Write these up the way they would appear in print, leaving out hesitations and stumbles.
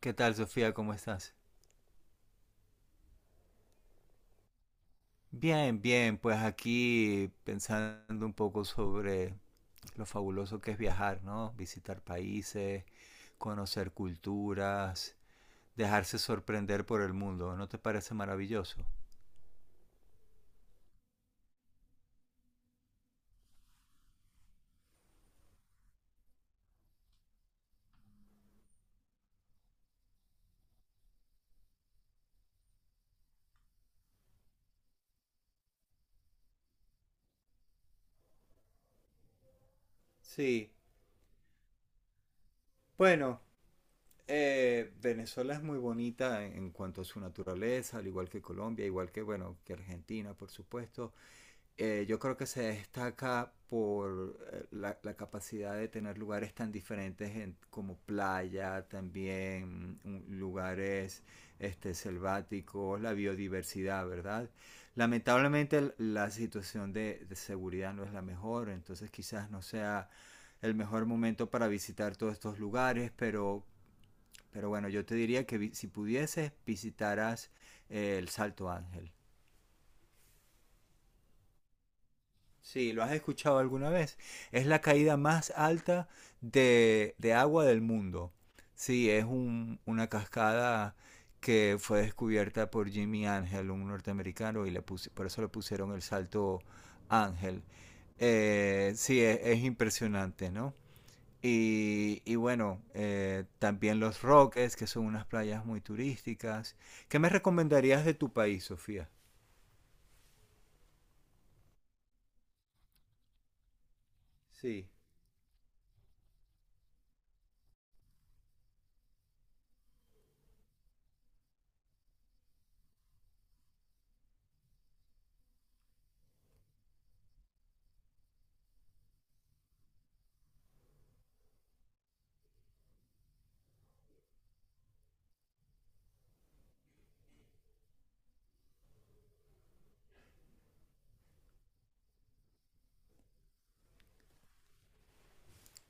¿Qué tal, Sofía? ¿Cómo estás? Bien, bien, pues aquí pensando un poco sobre lo fabuloso que es viajar, ¿no? Visitar países, conocer culturas, dejarse sorprender por el mundo. ¿No te parece maravilloso? Sí, bueno, Venezuela es muy bonita en cuanto a su naturaleza, al igual que Colombia, igual que, bueno, que Argentina, por supuesto. Eh, yo creo que se destaca por la capacidad de tener lugares tan diferentes como playa, también lugares este, selváticos, la biodiversidad, ¿verdad? Lamentablemente la situación de seguridad no es la mejor, entonces quizás no sea el mejor momento para visitar todos estos lugares, pero, bueno, yo te diría que si pudieses visitaras el Salto Ángel. Sí, lo has escuchado alguna vez. Es la caída más alta de agua del mundo. Sí, es una cascada que fue descubierta por Jimmy Ángel, un norteamericano, y por eso le pusieron el Salto Ángel. Sí, es impresionante, ¿no? Y bueno, también los Roques, que son unas playas muy turísticas. ¿Qué me recomendarías de tu país, Sofía? Sí,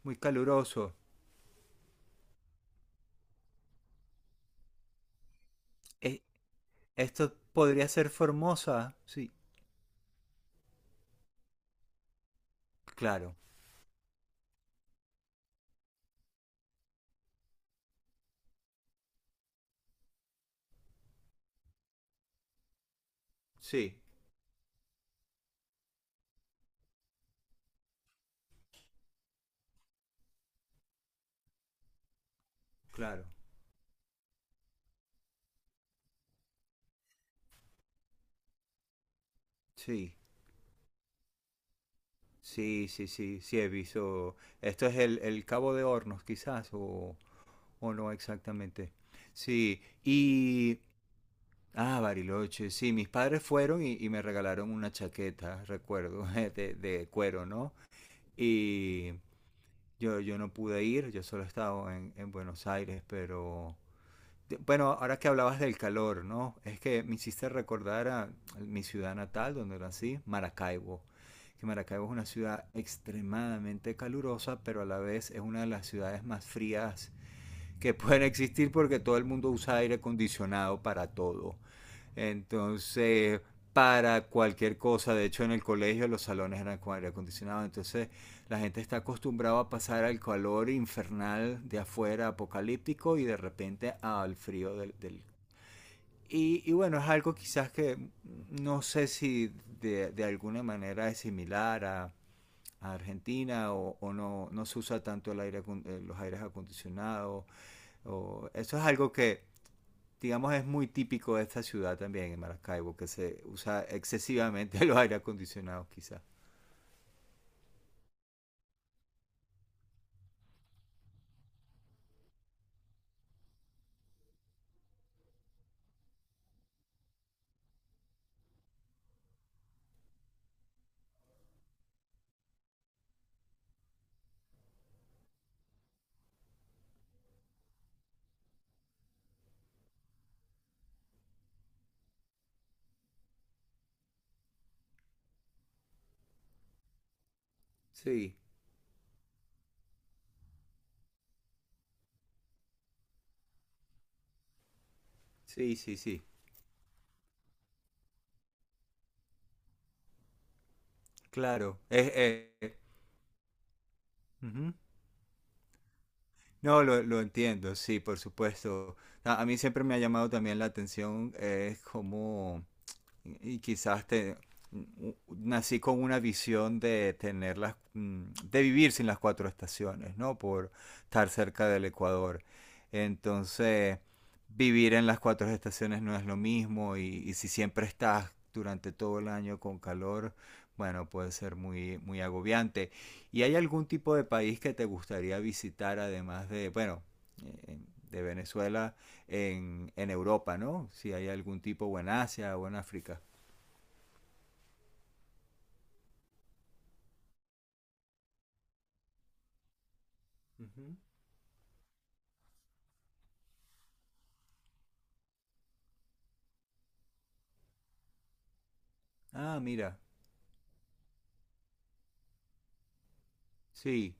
muy caluroso. Esto podría ser Formosa. Sí, claro. Sí, claro. Sí, sí, sí, sí, sí he visto. Esto es el Cabo de Hornos, quizás, o no exactamente. Sí, y, ah, Bariloche, sí, mis padres fueron y me regalaron una chaqueta, recuerdo, de cuero, ¿no? Y yo no pude ir, yo solo estaba en Buenos Aires, pero bueno, ahora que hablabas del calor, ¿no? Es que me hiciste recordar a mi ciudad natal, donde nací, Maracaibo. Que Maracaibo es una ciudad extremadamente calurosa, pero a la vez es una de las ciudades más frías que pueden existir porque todo el mundo usa aire acondicionado para todo. Entonces, para cualquier cosa, de hecho en el colegio los salones eran con aire acondicionado, entonces la gente está acostumbrada a pasar al calor infernal de afuera, apocalíptico, y de repente al frío del. Y, bueno, es algo quizás que no sé si de alguna manera es similar a Argentina o, no, no se usa tanto los aires acondicionados. O, eso es algo que digamos, es muy típico de esta ciudad también, en Maracaibo, que se usa excesivamente los aire acondicionados, quizás. Sí, sí, sí, sí. Claro. Es- ujú. No, lo entiendo, sí, por supuesto. A mí siempre me ha llamado también la atención cómo y quizás nací con una visión de tener de vivir sin las cuatro estaciones, ¿no? Por estar cerca del Ecuador. Entonces, vivir en las cuatro estaciones no es lo mismo y si siempre estás durante todo el año con calor, bueno, puede ser muy, muy agobiante. ¿Y hay algún tipo de país que te gustaría visitar además eh, de Venezuela? En Europa, ¿no? Si hay algún tipo o en Asia o en África. Ujú. Ah, mira, sí,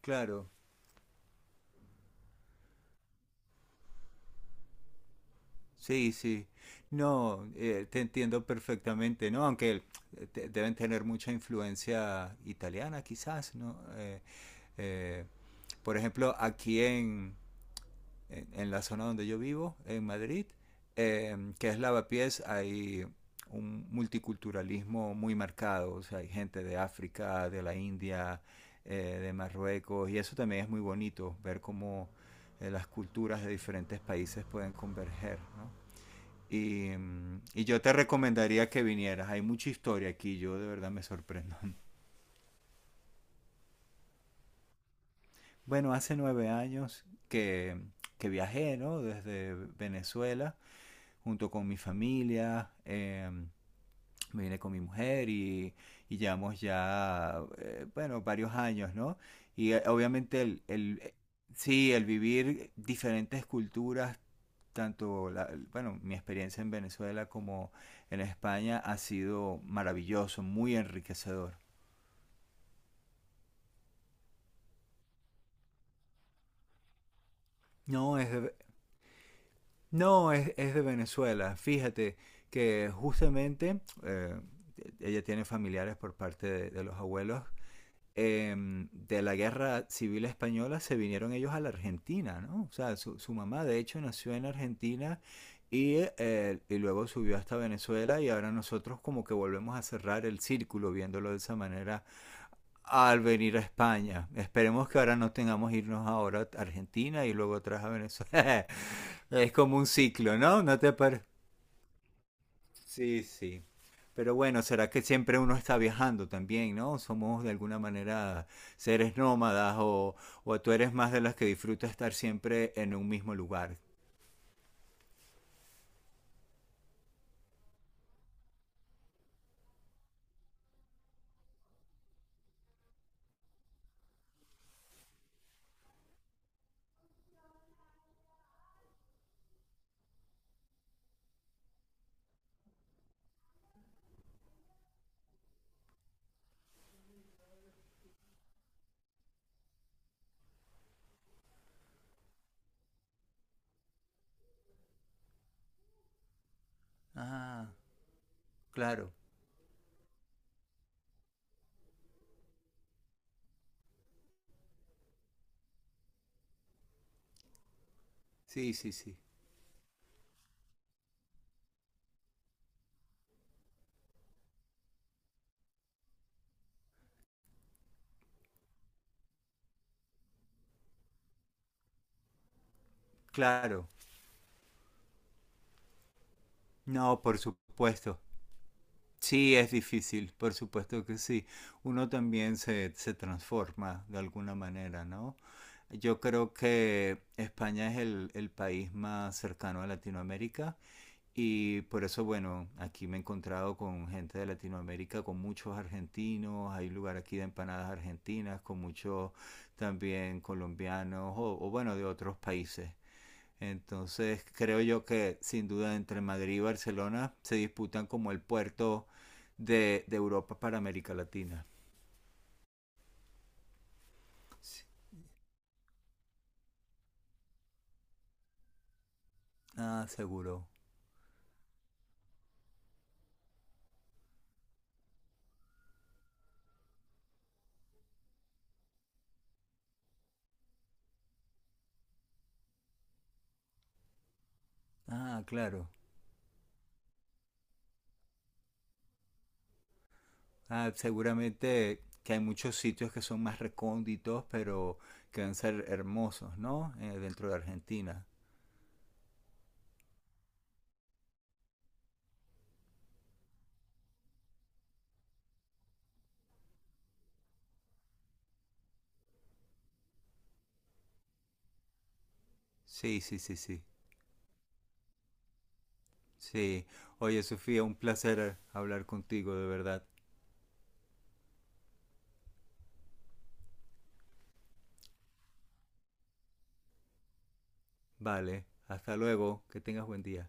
claro, sí, sí. No, te entiendo perfectamente, ¿no? Aunque deben tener mucha influencia italiana, quizás, ¿no? Eh, por ejemplo, aquí en la zona donde yo vivo, en Madrid, que es Lavapiés, hay un multiculturalismo muy marcado. O sea, hay gente de África, de la India, de Marruecos, y eso también es muy bonito, ver cómo las culturas de diferentes países pueden converger, ¿no? Y, yo te recomendaría que vinieras. Hay mucha historia aquí, yo de verdad me sorprendo. Bueno, hace 9 años que viajé, ¿no? Desde Venezuela junto con mi familia. Me vine con mi mujer y llevamos ya, bueno, varios años, ¿no? Y, obviamente el, sí, el vivir diferentes culturas, tanto, bueno, mi experiencia en Venezuela como en España ha sido maravilloso, muy enriquecedor. No, es de, no, es de Venezuela. Fíjate que justamente ella tiene familiares por parte de los abuelos de la guerra civil española se vinieron ellos a la Argentina, ¿no? O sea, su mamá de hecho nació en Argentina y luego subió hasta Venezuela y ahora nosotros como que volvemos a cerrar el círculo viéndolo de esa manera al venir a España. Esperemos que ahora no tengamos irnos ahora a Argentina y luego atrás a Venezuela. Es como un ciclo, ¿no? ¿No te parece? Sí, sí. Pero bueno, será que siempre uno está viajando también, ¿no? Somos de alguna manera seres nómadas o tú eres más de las que disfruta estar siempre en un mismo lugar. Ah, claro. Sí, sí, sí. Claro. No, por supuesto. Sí, es difícil, por supuesto que sí. Uno también se transforma de alguna manera, ¿no? Yo creo que España es el país más cercano a Latinoamérica. Y por eso, bueno, aquí me he encontrado con gente de Latinoamérica, con muchos argentinos, hay un lugar aquí de empanadas argentinas, con muchos también colombianos o bueno, de otros países. Entonces creo yo que sin duda entre Madrid y Barcelona se disputan como el puerto de Europa para América Latina. Sí. Ah, seguro. Ah, claro. Ah, seguramente que hay muchos sitios que son más recónditos, pero que van a ser hermosos, ¿no? Dentro de Argentina. Sí, sí, sí, sí. Sí. Oye, Sofía, un placer hablar contigo, de verdad. Vale, hasta luego, que tengas buen día.